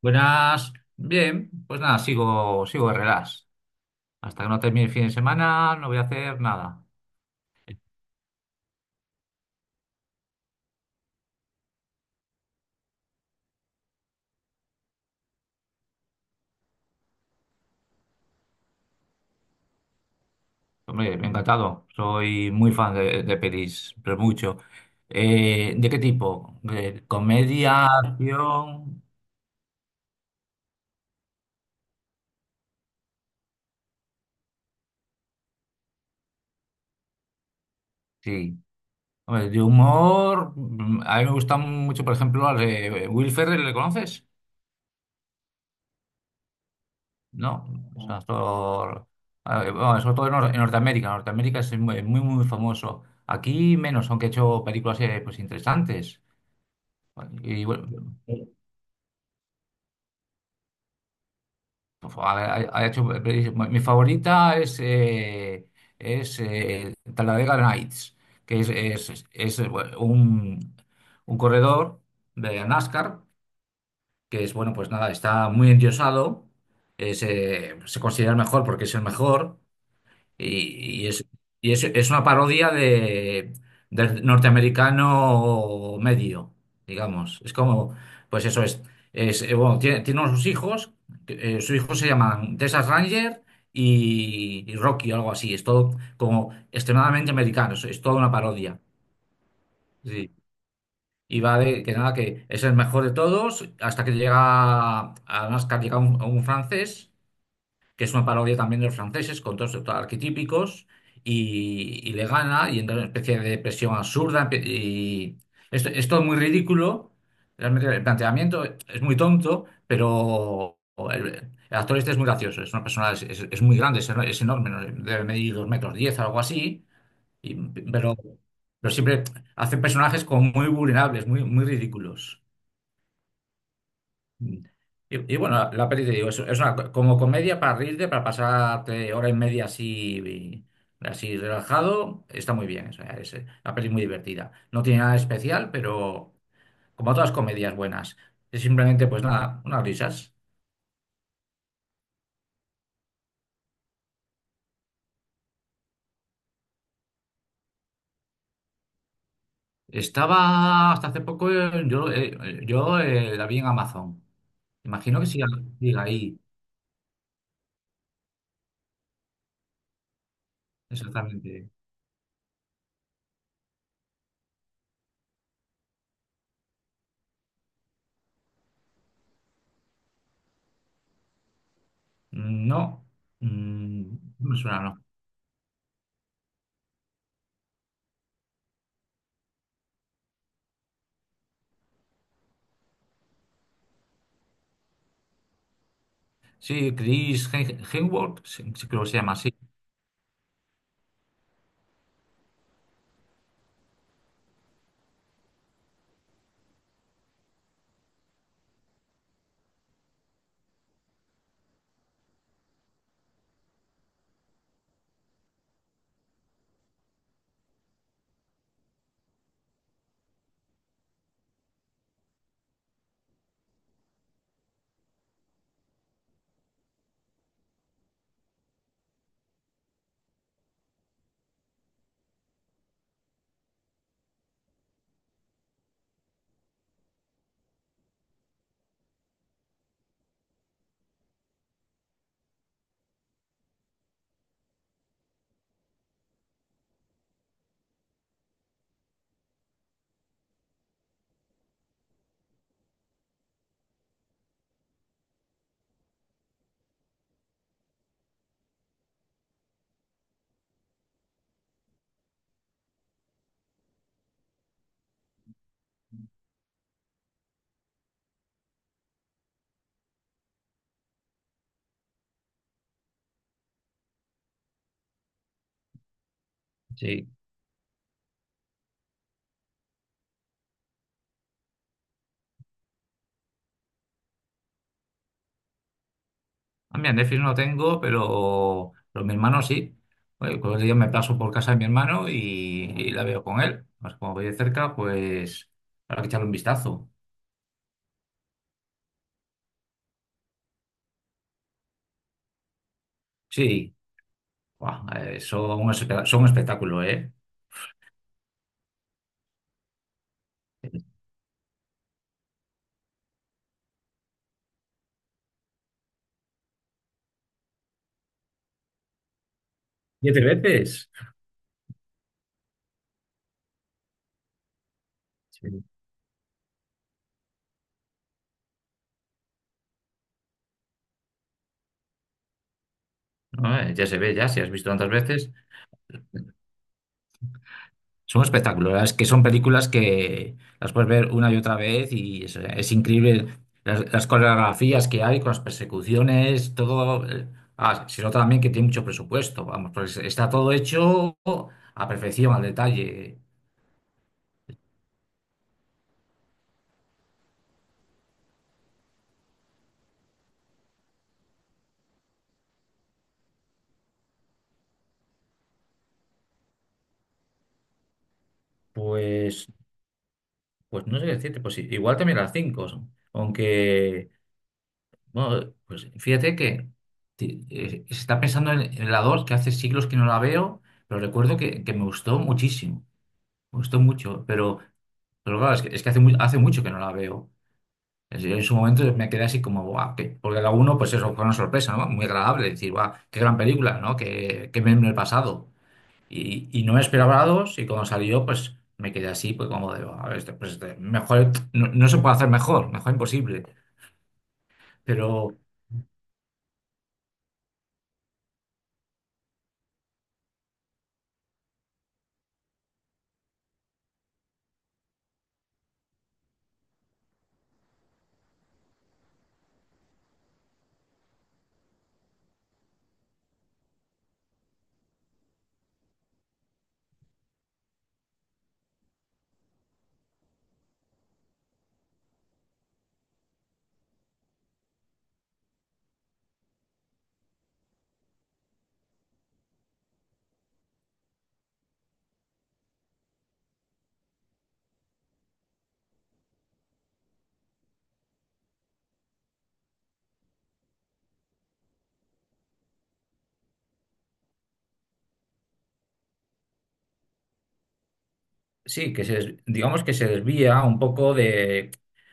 Buenas, bien, pues nada, sigo de relax. Hasta que no termine el fin de semana, no voy a hacer nada. Hombre, me ha encantado. Soy muy fan de pelis, pero mucho. ¿De qué tipo? ¿De comedia, acción? Sí. Hombre, de humor. A mí me gusta mucho, por ejemplo, al de Will Ferrell, ¿le conoces? No, es un actor. A ver, bueno, sobre todo en, en Norteamérica. Norteamérica es muy, muy, muy famoso. Aquí menos, aunque he hecho películas pues, interesantes. Vale, y bueno, por favor, ha hecho, mi favorita es Talladega Nights, que es, bueno, un corredor de NASCAR, que es, bueno, pues nada, está muy endiosado, se considera el mejor porque es el mejor, y, y es una parodia de, del norteamericano medio, digamos. Es como, pues eso es. Es bueno, tiene, tiene unos hijos, que, sus hijos se llaman Texas Ranger y Rocky o algo así. Es todo como extremadamente americano, es toda una parodia. Sí. Y va de que nada, que es el mejor de todos, hasta que llega a NASCAR, llega un a un francés que es una parodia también de los franceses, con todos estos arquetípicos, y le gana y entra en una especie de depresión absurda. Y esto es todo muy ridículo, realmente el planteamiento es muy tonto, pero el actor este es muy gracioso, es una persona, es muy grande, es enorme, ¿no? Debe medir dos metros diez, algo así, y- pero, pero siempre hace personajes como muy vulnerables, muy, muy ridículos. Y, y bueno, la peli te digo, como comedia para reírte, para pasarte hora y media así, así relajado, está muy bien. O sea, es una peli muy divertida. No tiene nada especial, pero como todas comedias buenas, es simplemente pues nada, unas risas. Estaba hasta hace poco, yo, yo la vi en Amazon. Imagino que siga, siga ahí, exactamente. No, mm, no me suena, no. Sí, Hemsworth, sí, sí, creo que se llama así. Sí. Ah, mira, Netflix no tengo, pero mi hermano sí. Oye, pues yo me paso por casa de mi hermano y la veo con él. Pues como voy de cerca, pues habrá que echarle un vistazo. Sí, buah, son un espectáculo, ¿eh? Siete veces. Sí. No, ya se ve, ya, si has visto tantas veces. Son un espectáculo, la que son películas que las puedes ver una y otra vez y es increíble las coreografías que hay con las persecuciones, todo. Eh, ah, se nota también que tiene mucho presupuesto, vamos, pues está todo hecho a perfección, al detalle. Pues, pues no sé qué decirte, pues igual también las cinco, son. Aunque, bueno, pues fíjate que se está pensando en la dos, que hace siglos que no la veo, pero recuerdo que me gustó muchísimo, me gustó mucho, pero... Pero claro, es que hace, hace mucho que no la veo. Es decir, en su momento me quedé así como, guau, que- porque la uno pues eso fue una sorpresa, ¿no? Muy agradable, decir, guau, qué gran película, ¿no? Qué, qué meme el pasado. Y no me esperaba la 2 y cuando salió, pues me quedé así, pues como de, "Buah, a ver, pues este, mejor, no, no se puede hacer mejor, mejor imposible. Pero sí, que digamos que se desvía un poco de,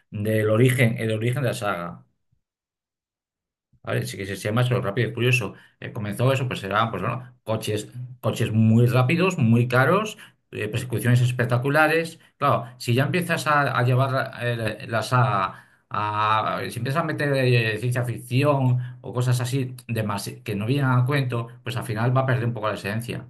del origen, el origen de la saga. ¿Vale? Sí que se llama eso, rápido y furioso. Comenzó eso, pues eran pues, bueno, coches, coches muy rápidos, muy caros, persecuciones espectaculares. Claro, si ya empiezas a llevar si empiezas a meter ciencia ficción o cosas así que no vienen a cuento, pues al final va a perder un poco la esencia.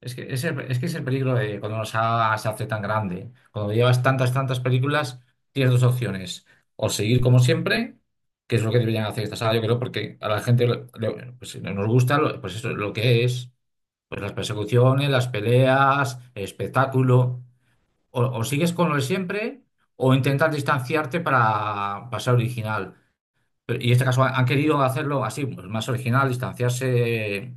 Es que es el, es que es el peligro de cuando una saga se hace tan grande. Cuando llevas tantas, tantas películas, tienes dos opciones. O seguir como siempre, que es lo que deberían hacer esta saga, yo creo, porque a la gente pues, si no nos gusta pues eso, lo que es. Pues las persecuciones, las peleas, el espectáculo. O sigues con lo de siempre, o intentas distanciarte para pasar original. Y en este caso han querido hacerlo así, pues más original, distanciarse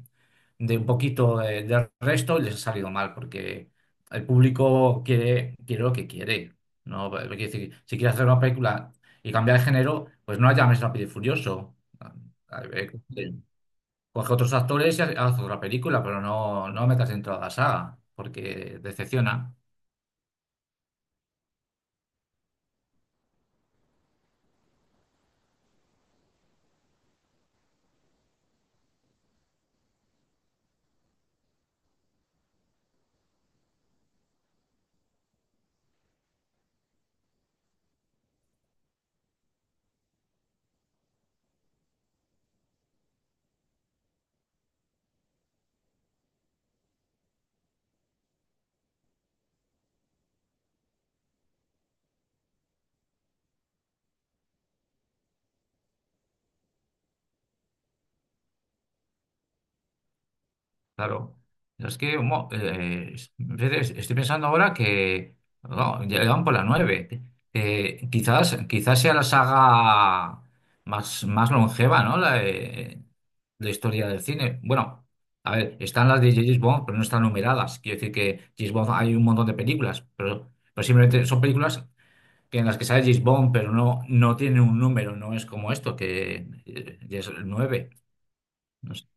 de un poquito del resto y les ha salido mal, porque el público quiere, quiere lo que quiere. No, eh, quiere decir, si quieres hacer una película y cambiar de género, pues no la llames Rápido y Furioso. A ver, coge otros actores y haz otra película, pero no, no metas dentro de la saga, porque decepciona. Claro. Es que fíjate, estoy pensando ahora que no, ya van por la 9. Quizás, quizás sea la saga más, más longeva, ¿no? La de historia del cine. Bueno, a ver, están las de James Bond, pero no están numeradas. Quiero decir que James Bond hay un montón de películas, pero simplemente son películas que en las que sale James Bond, pero no, no tiene un número, no es como esto, que ya es el 9. No sé.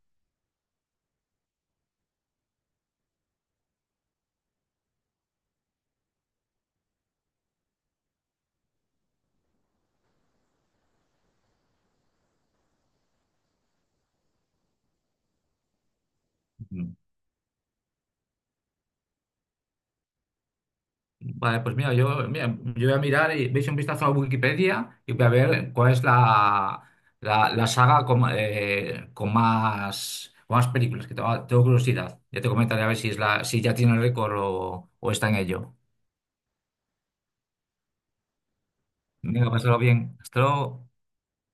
Vale, pues mira, yo voy a mirar y veis un vistazo a Wikipedia y voy a ver cuál es la, la, la saga con más películas, que tengo, tengo curiosidad. Ya te comentaré a ver si, es la, si ya tiene el récord o está en ello. Venga, pasarlo bien. Hasta luego.